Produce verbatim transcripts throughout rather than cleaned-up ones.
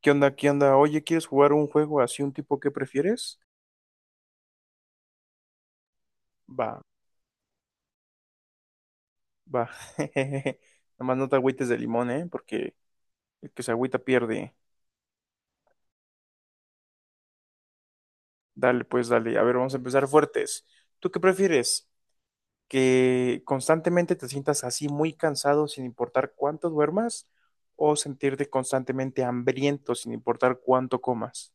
¿Qué onda? ¿Qué onda? Oye, ¿quieres jugar un juego así, un tipo que prefieres? Va, va. Nada más no te agüites de limón, ¿eh? Porque el que se agüita pierde. Dale, pues dale. A ver, vamos a empezar fuertes. ¿Tú qué prefieres? ¿Que constantemente te sientas así muy cansado sin importar cuánto duermas? ¿O sentirte constantemente hambriento sin importar cuánto comas?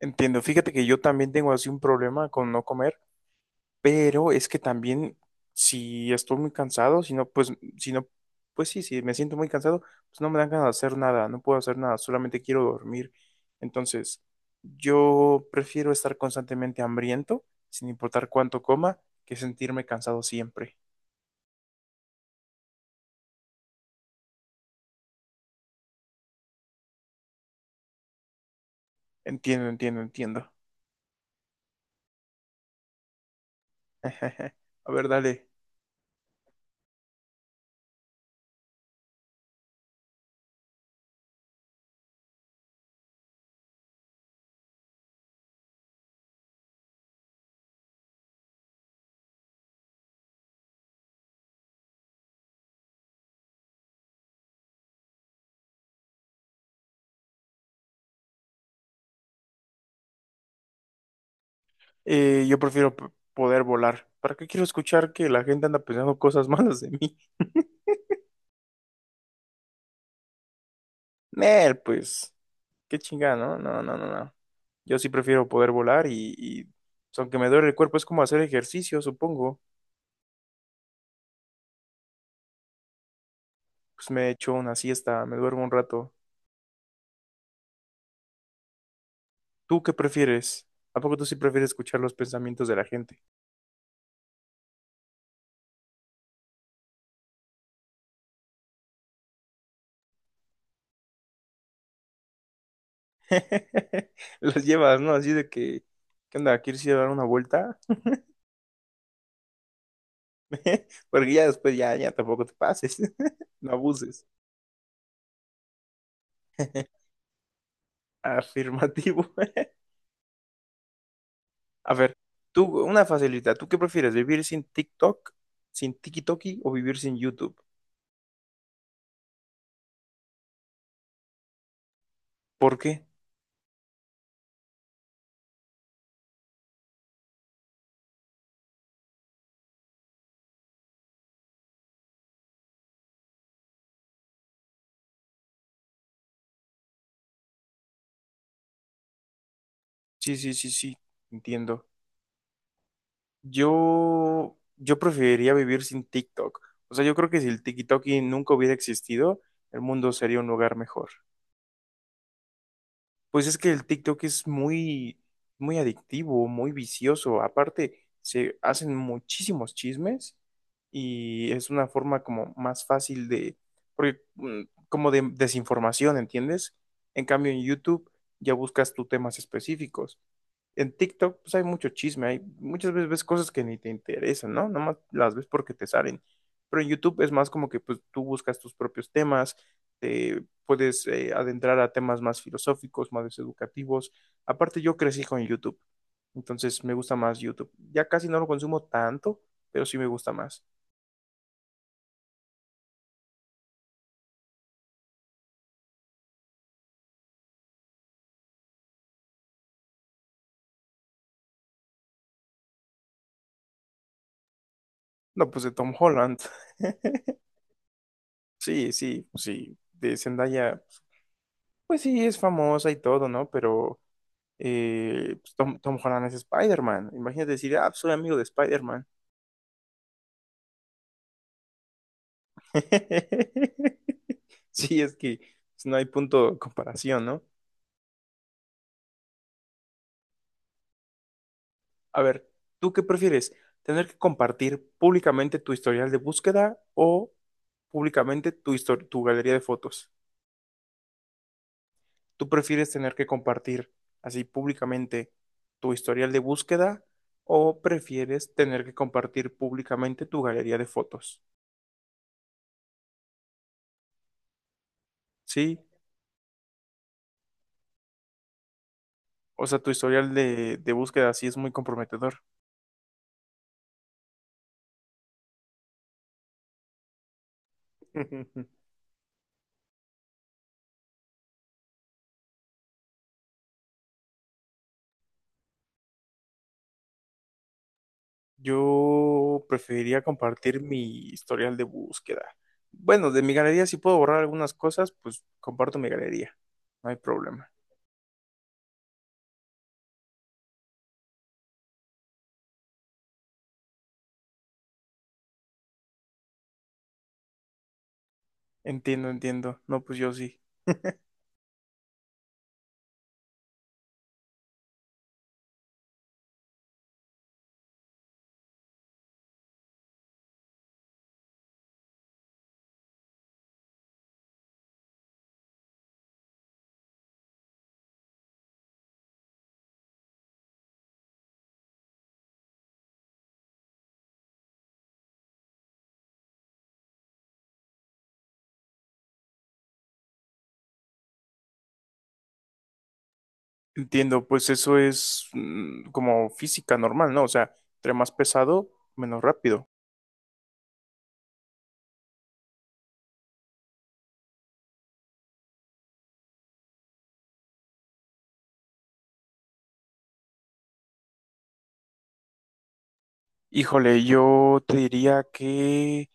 Entiendo. Fíjate que yo también tengo así un problema con no comer. Pero es que también, si estoy muy cansado, si no, pues, si no, pues sí, si me siento muy cansado, pues no me dan ganas de hacer nada, no puedo hacer nada, solamente quiero dormir. Entonces, yo prefiero estar constantemente hambriento, sin importar cuánto coma, que sentirme cansado siempre. Entiendo, entiendo, entiendo. A ver, dale. Eh, yo prefiero p- poder volar. ¿Para qué quiero escuchar que la gente anda pensando cosas malas de mí? Nel, pues. Qué chingada, ¿no? No, no, no, no. Yo sí prefiero poder volar y, y, pues, aunque me duele el cuerpo, es como hacer ejercicio, supongo. Pues me echo una siesta, me duermo un rato. ¿Tú qué prefieres? ¿A poco tú sí prefieres escuchar los pensamientos de la gente? Los llevas, ¿no? Así de que, ¿qué onda? ¿Quieres ir a dar una vuelta? Porque ya después ya, ya tampoco te pases. No abuses. Afirmativo. A ver, tú, una facilidad. ¿Tú qué prefieres? ¿Vivir sin TikTok, sin TikTok o vivir sin YouTube? ¿Por qué? Sí, sí, sí, sí, entiendo. Yo, yo preferiría vivir sin TikTok. O sea, yo creo que si el TikTok y nunca hubiera existido, el mundo sería un lugar mejor. Pues es que el TikTok es muy, muy adictivo, muy vicioso. Aparte, se hacen muchísimos chismes y es una forma como más fácil de, porque, mm, como de desinformación, ¿entiendes? En cambio, en YouTube ya buscas tus temas específicos. En TikTok pues hay mucho chisme, hay muchas veces ves cosas que ni te interesan, ¿no? Nomás las ves porque te salen. Pero en YouTube es más como que pues tú buscas tus propios temas, te puedes eh, adentrar a temas más filosóficos, más educativos. Aparte yo crecí con YouTube, entonces me gusta más YouTube. Ya casi no lo consumo tanto, pero sí me gusta más. No, pues de Tom Holland. Sí, sí, pues, sí. De Zendaya, pues sí, es famosa y todo, ¿no? Pero eh, pues, Tom, Tom Holland es Spider-Man. Imagínate decir, ah, pues, soy amigo de Spider-Man. Sí, es que pues, no hay punto de comparación, ¿no? A ver, ¿tú qué prefieres? ¿Tener que compartir públicamente tu historial de búsqueda o públicamente tu, histor- tu galería de fotos? ¿Tú prefieres tener que compartir así públicamente tu historial de búsqueda o prefieres tener que compartir públicamente tu galería de fotos? Sí. O sea, tu historial de, de búsqueda así es muy comprometedor. Yo preferiría compartir mi historial de búsqueda. Bueno, de mi galería, si puedo borrar algunas cosas, pues comparto mi galería. No hay problema. Entiendo, entiendo. No, pues yo sí. Entiendo, pues eso es mm, como física normal, ¿no? O sea, entre más pesado, menos rápido. Híjole, yo te diría que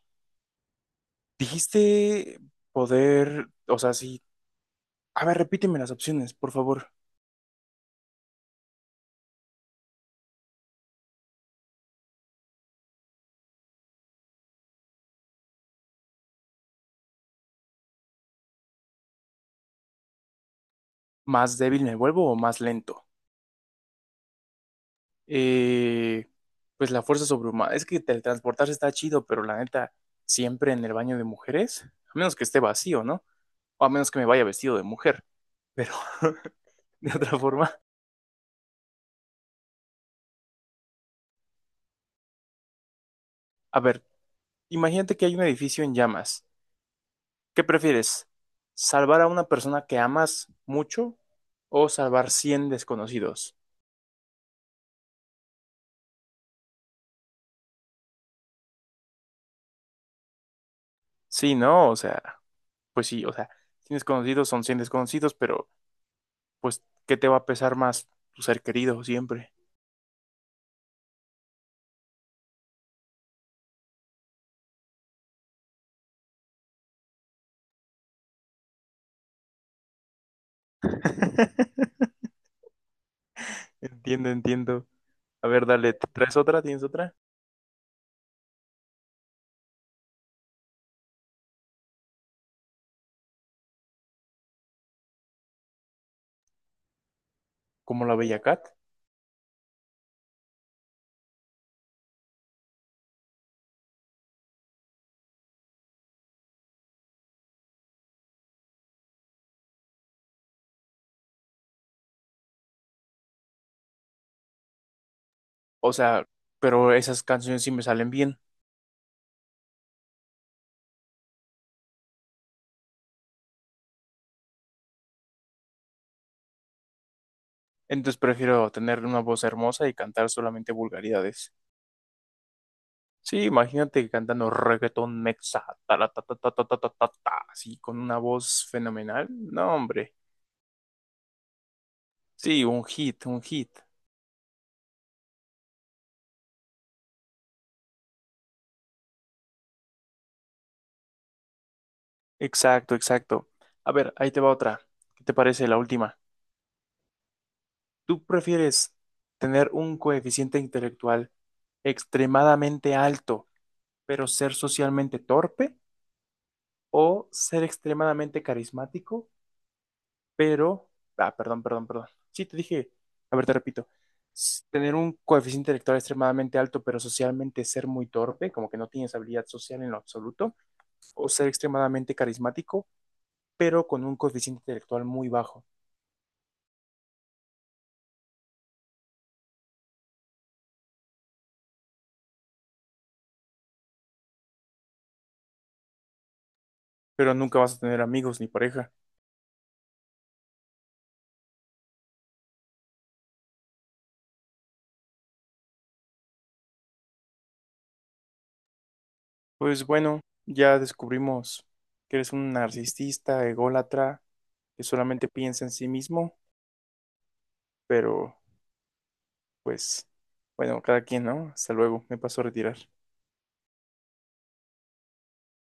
dijiste poder, o sea, sí. A ver, repíteme las opciones, por favor. Más débil me vuelvo o más lento. Eh, pues la fuerza sobrehumana. Es que teletransportarse está chido, pero la neta, siempre en el baño de mujeres, a menos que esté vacío, ¿no? O a menos que me vaya vestido de mujer, pero de otra forma. A ver, imagínate que hay un edificio en llamas. ¿Qué prefieres? ¿Salvar a una persona que amas mucho o salvar cien desconocidos? Sí, ¿no? O sea, pues sí, o sea, cien desconocidos son cien desconocidos, pero pues, ¿qué te va a pesar más? Tu ser querido siempre. Entiendo, entiendo. A ver, dale, ¿te ¿traes otra? ¿Tienes otra? Como la Bella Cat. O sea, pero esas canciones sí me salen bien. Entonces prefiero tener una voz hermosa y cantar solamente vulgaridades. Sí, imagínate cantando reggaetón mexa, tala, ta, ta, ta, ta, ta, ta, ta, ta, así con una voz fenomenal. No, hombre. Sí, un hit, un hit. Exacto, exacto. A ver, ahí te va otra. ¿Qué te parece la última? ¿Tú prefieres tener un coeficiente intelectual extremadamente alto, pero ser socialmente torpe? ¿O ser extremadamente carismático, pero... Ah, perdón, perdón, perdón. Sí, te dije, a ver, te repito. S- Tener un coeficiente intelectual extremadamente alto, pero socialmente ser muy torpe, como que no tienes habilidad social en lo absoluto, o ser extremadamente carismático, pero con un coeficiente intelectual muy bajo, pero nunca vas a tener amigos ni pareja. Pues bueno, ya descubrimos que eres un narcisista, ególatra, que solamente piensa en sí mismo, pero pues bueno, cada quien, ¿no? Hasta luego, me paso a retirar.